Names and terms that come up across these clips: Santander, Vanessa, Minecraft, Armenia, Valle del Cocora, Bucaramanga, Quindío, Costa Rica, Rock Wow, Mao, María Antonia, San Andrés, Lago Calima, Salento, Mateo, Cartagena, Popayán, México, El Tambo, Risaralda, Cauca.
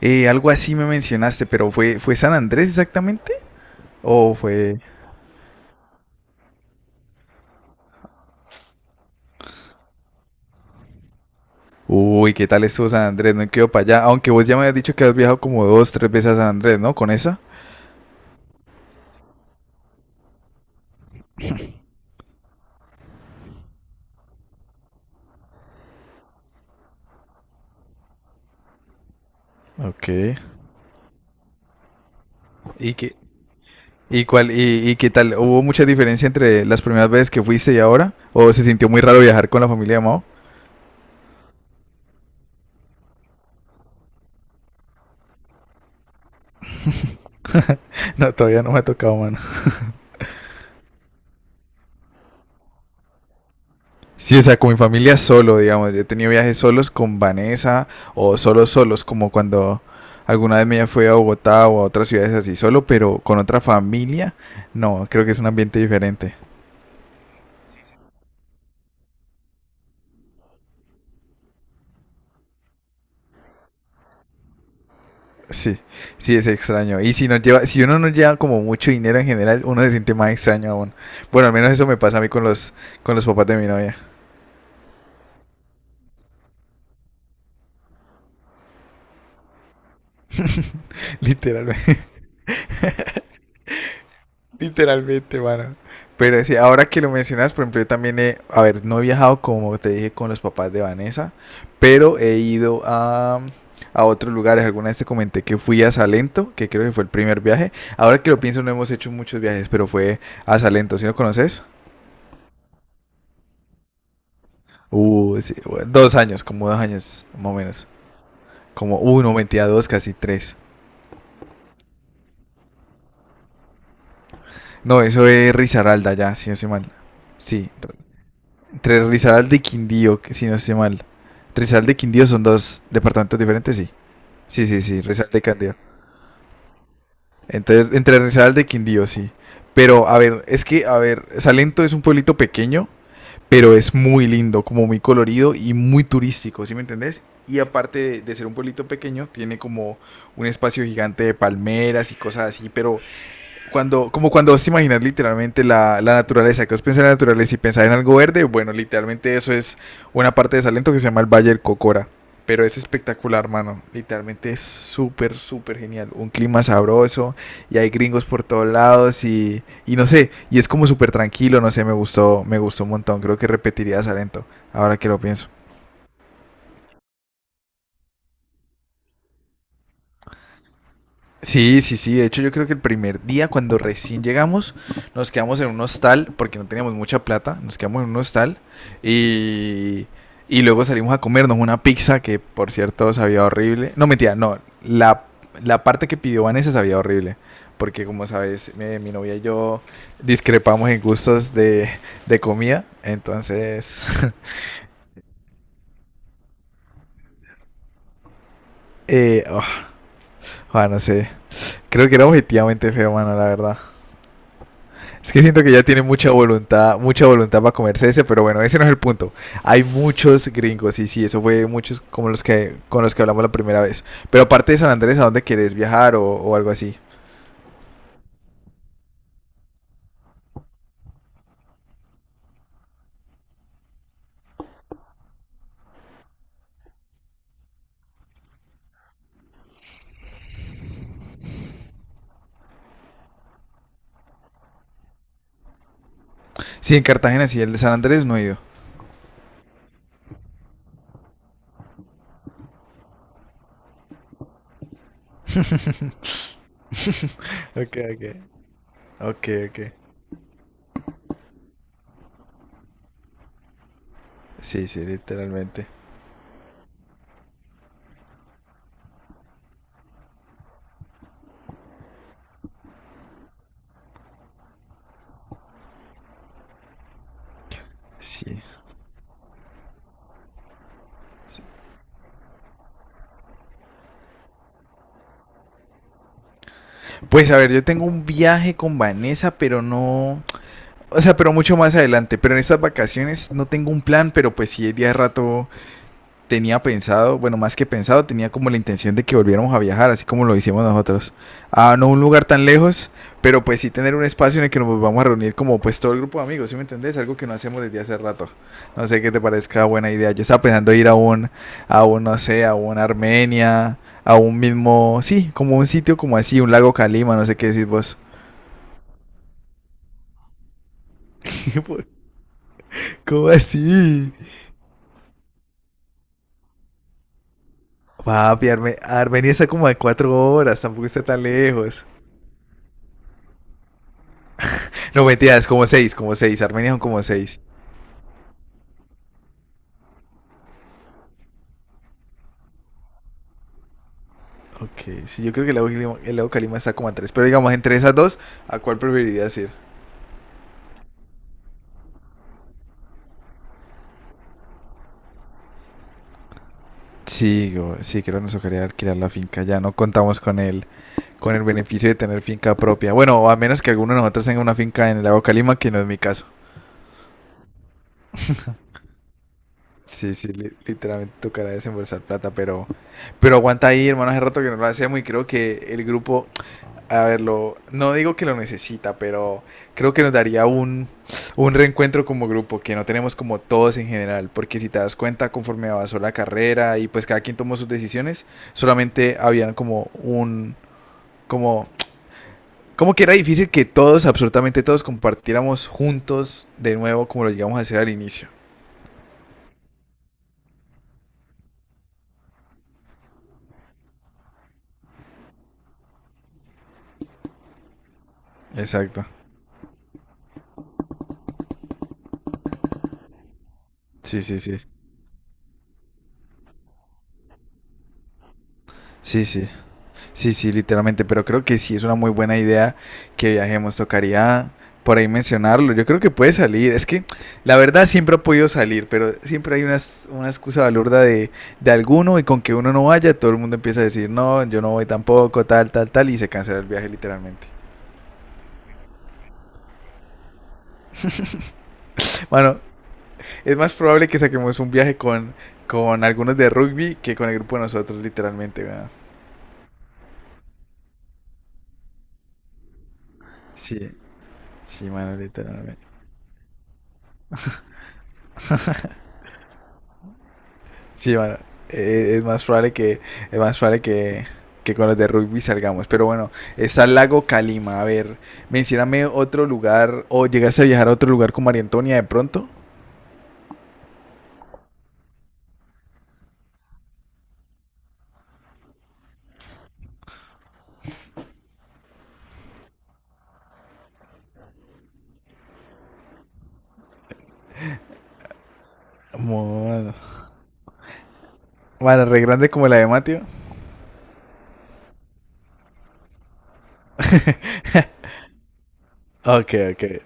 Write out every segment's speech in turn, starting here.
Algo así me mencionaste, pero ¿fue San Andrés exactamente? ¿O fue? Uy, ¿qué tal estuvo San Andrés? No quedo para allá. Aunque vos ya me has dicho que has viajado como dos, tres veces a San Andrés, ¿no? Con esa. Ok. ¿Y qué, y cuál, y qué tal? ¿Hubo mucha diferencia entre las primeras veces que fuiste y ahora? ¿O se sintió muy raro viajar con la familia de Mao? No, todavía no me ha tocado, mano. Sí, o sea, con mi familia solo, digamos. Yo he tenido viajes solos con Vanessa o solos solos, como cuando alguna vez me fui a Bogotá o a otras ciudades así solo, pero con otra familia, no, creo que es un ambiente diferente. Sí, sí es extraño. Y si nos lleva, si uno no lleva como mucho dinero en general, uno se siente más extraño aún. Bueno, al menos eso me pasa a mí con los papás de mi novia. Literalmente. Literalmente, mano. Pero sí, ahora que lo mencionas, por ejemplo, yo también he, a ver, no he viajado como te dije con los papás de Vanessa, pero he ido a otros lugares. Alguna vez te comenté que fui a Salento, que creo que fue el primer viaje. Ahora que lo pienso, no hemos hecho muchos viajes, pero fue a Salento, ¿sí lo conoces? Sí, bueno, dos años, como dos años, más o menos. Como uno, mentira, dos, casi tres. No, eso es Risaralda ya, si no soy mal. Sí, entre Rizal de Quindío, que si no estoy mal. Rizal de Quindío son dos departamentos diferentes, sí. Sí, sí, sí, Rizal de Quindío. Entonces entre Rizal de Quindío, sí. Pero, a ver, es que, a ver, Salento es un pueblito pequeño, pero es muy lindo, como muy colorido y muy turístico, ¿sí me entendés? Y aparte de ser un pueblito pequeño, tiene como un espacio gigante de palmeras y cosas así, pero cuando, como cuando vos te imaginas literalmente la naturaleza, que vos pensás en la naturaleza y pensás en algo verde, bueno, literalmente eso es una parte de Salento que se llama el Valle del Cocora. Pero es espectacular, mano. Literalmente es súper, súper genial. Un clima sabroso y hay gringos por todos lados y no sé, y es como súper tranquilo, no sé, me gustó un montón. Creo que repetiría Salento, ahora que lo pienso. Sí, sí, sí. De hecho, yo creo que el primer día, cuando recién llegamos, nos quedamos en un hostal, porque no teníamos mucha plata, nos quedamos en un hostal y, y luego salimos a comernos una pizza que, por cierto, sabía horrible. No, mentira, no. La parte que pidió Vanessa sabía horrible, porque como sabes, mi novia y yo discrepamos en gustos de comida, entonces, oh, ah, no sé. Creo que era objetivamente feo, mano, la verdad. Es que siento que ya tiene mucha voluntad para comerse ese, pero bueno, ese no es el punto. Hay muchos gringos, y sí, eso fue muchos como los que con los que hablamos la primera vez. Pero aparte de San Andrés, ¿a dónde quieres viajar o algo así? Sí, en Cartagena sí, el de San Andrés no he ido. Ok, ok. Ok, ok. Sí, sí, literalmente. Sí. Sí. Pues a ver, yo tengo un viaje con Vanessa, pero no. O sea, pero mucho más adelante. Pero en estas vacaciones no tengo un plan, pero pues sí, de día de rato tenía pensado, bueno, más que pensado, tenía como la intención de que volviéramos a viajar, así como lo hicimos nosotros. A no un lugar tan lejos, pero pues sí tener un espacio en el que nos vamos a reunir como pues todo el grupo de amigos, ¿sí me entendés? Algo que no hacemos desde hace rato. No sé qué te parezca buena idea. Yo estaba pensando ir no sé, a un Armenia, a un mismo, sí, como un sitio como así, un lago Calima, no sé qué decís vos. ¿Cómo así? Papi, Armenia está como a cuatro horas, tampoco está tan lejos. No, mentiras, como seis Armenia son como seis. Ok, sí, yo creo que el lago Calima está como a 3. Pero digamos, entre esas dos, ¿a cuál preferirías ir? Sí, sí, creo que nos tocaría alquilar la finca. Ya no contamos con con el beneficio de tener finca propia. Bueno, a menos que alguno de nosotros tenga una finca en el lago Calima, que no es mi caso. Sí, sí, literalmente tocará desembolsar plata, pero aguanta ahí, hermano, hace rato que no lo hacemos y creo que el grupo a verlo, no digo que lo necesita, pero creo que nos daría un reencuentro como grupo que no tenemos como todos en general, porque si te das cuenta, conforme avanzó la carrera y pues cada quien tomó sus decisiones, solamente habían como, como que era difícil que todos, absolutamente todos, compartiéramos juntos de nuevo como lo llegamos a hacer al inicio. Exacto. Sí, sí, sí. Sí, sí. Sí, sí, literalmente, pero creo que sí es una muy buena idea que viajemos. Tocaría por ahí mencionarlo. Yo creo que puede salir. Es que la verdad siempre ha podido salir, pero siempre hay una excusa balurda de alguno y con que uno no vaya, todo el mundo empieza a decir, no, yo no voy tampoco, tal, tal, tal, y se cancela el viaje literalmente. Bueno, es más probable que saquemos un viaje con algunos de rugby que con el grupo de nosotros, literalmente. ¿Verdad? Sí, sí, mano, literalmente. Sí, mano. eh, es más probable que, es más probable que con los de rugby salgamos. Pero bueno, está el lago Calima. A ver, mencioname otro lugar. ¿O llegaste a viajar a otro lugar con María Antonia de pronto? Bueno, bueno, re grande como la de Mateo. Ok, ok.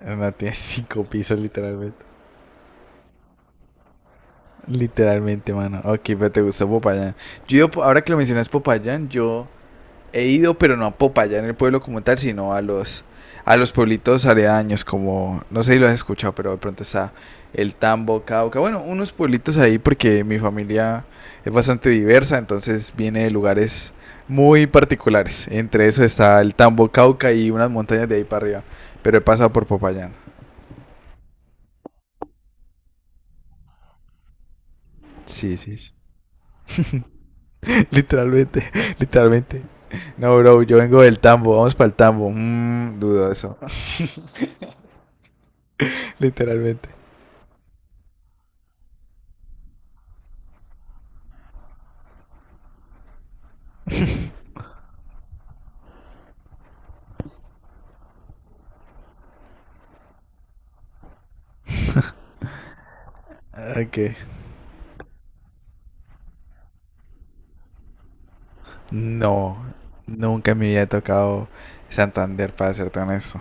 No, tiene cinco pisos literalmente. Literalmente, mano. Ok, pero te gustó Popayán. Yo, he ido po- Ahora que lo mencionas Popayán, yo he ido, pero no a Popayán, en el pueblo como tal, sino a los pueblitos aledaños, como, no sé si lo has escuchado, pero de pronto está el Tambo, Cauca, bueno, unos pueblitos ahí porque mi familia es bastante diversa, entonces viene de lugares muy particulares. Entre eso está el Tambo, Cauca y unas montañas de ahí para arriba, pero he pasado por Popayán. Sí, sí, sí. Literalmente, literalmente. No, bro, yo vengo del tambo, vamos para el tambo. Dudo eso, literalmente. Ah, ok. No, nunca me había tocado Santander, para serte honesto.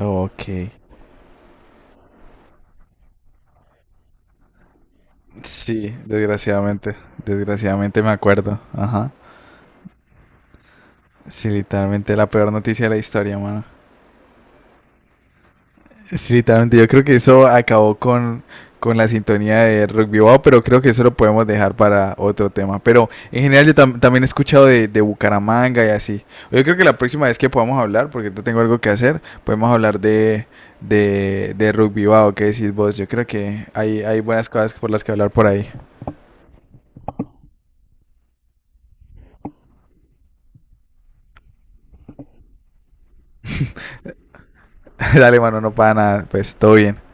Ok. Sí, desgraciadamente me acuerdo. Ajá. Sí, literalmente la peor noticia de la historia, mano. Sí, totalmente. Yo creo que eso acabó con, la sintonía de rock Wow, pero creo que eso lo podemos dejar para otro tema. Pero en general yo también he escuchado de Bucaramanga y así. Yo creo que la próxima vez que podamos hablar, porque yo tengo algo que hacer, podemos hablar de, de rock Wow, ¿qué decís vos? Yo creo que hay buenas cosas por las que hablar por ahí. Dale, mano, no para nada, pues todo bien.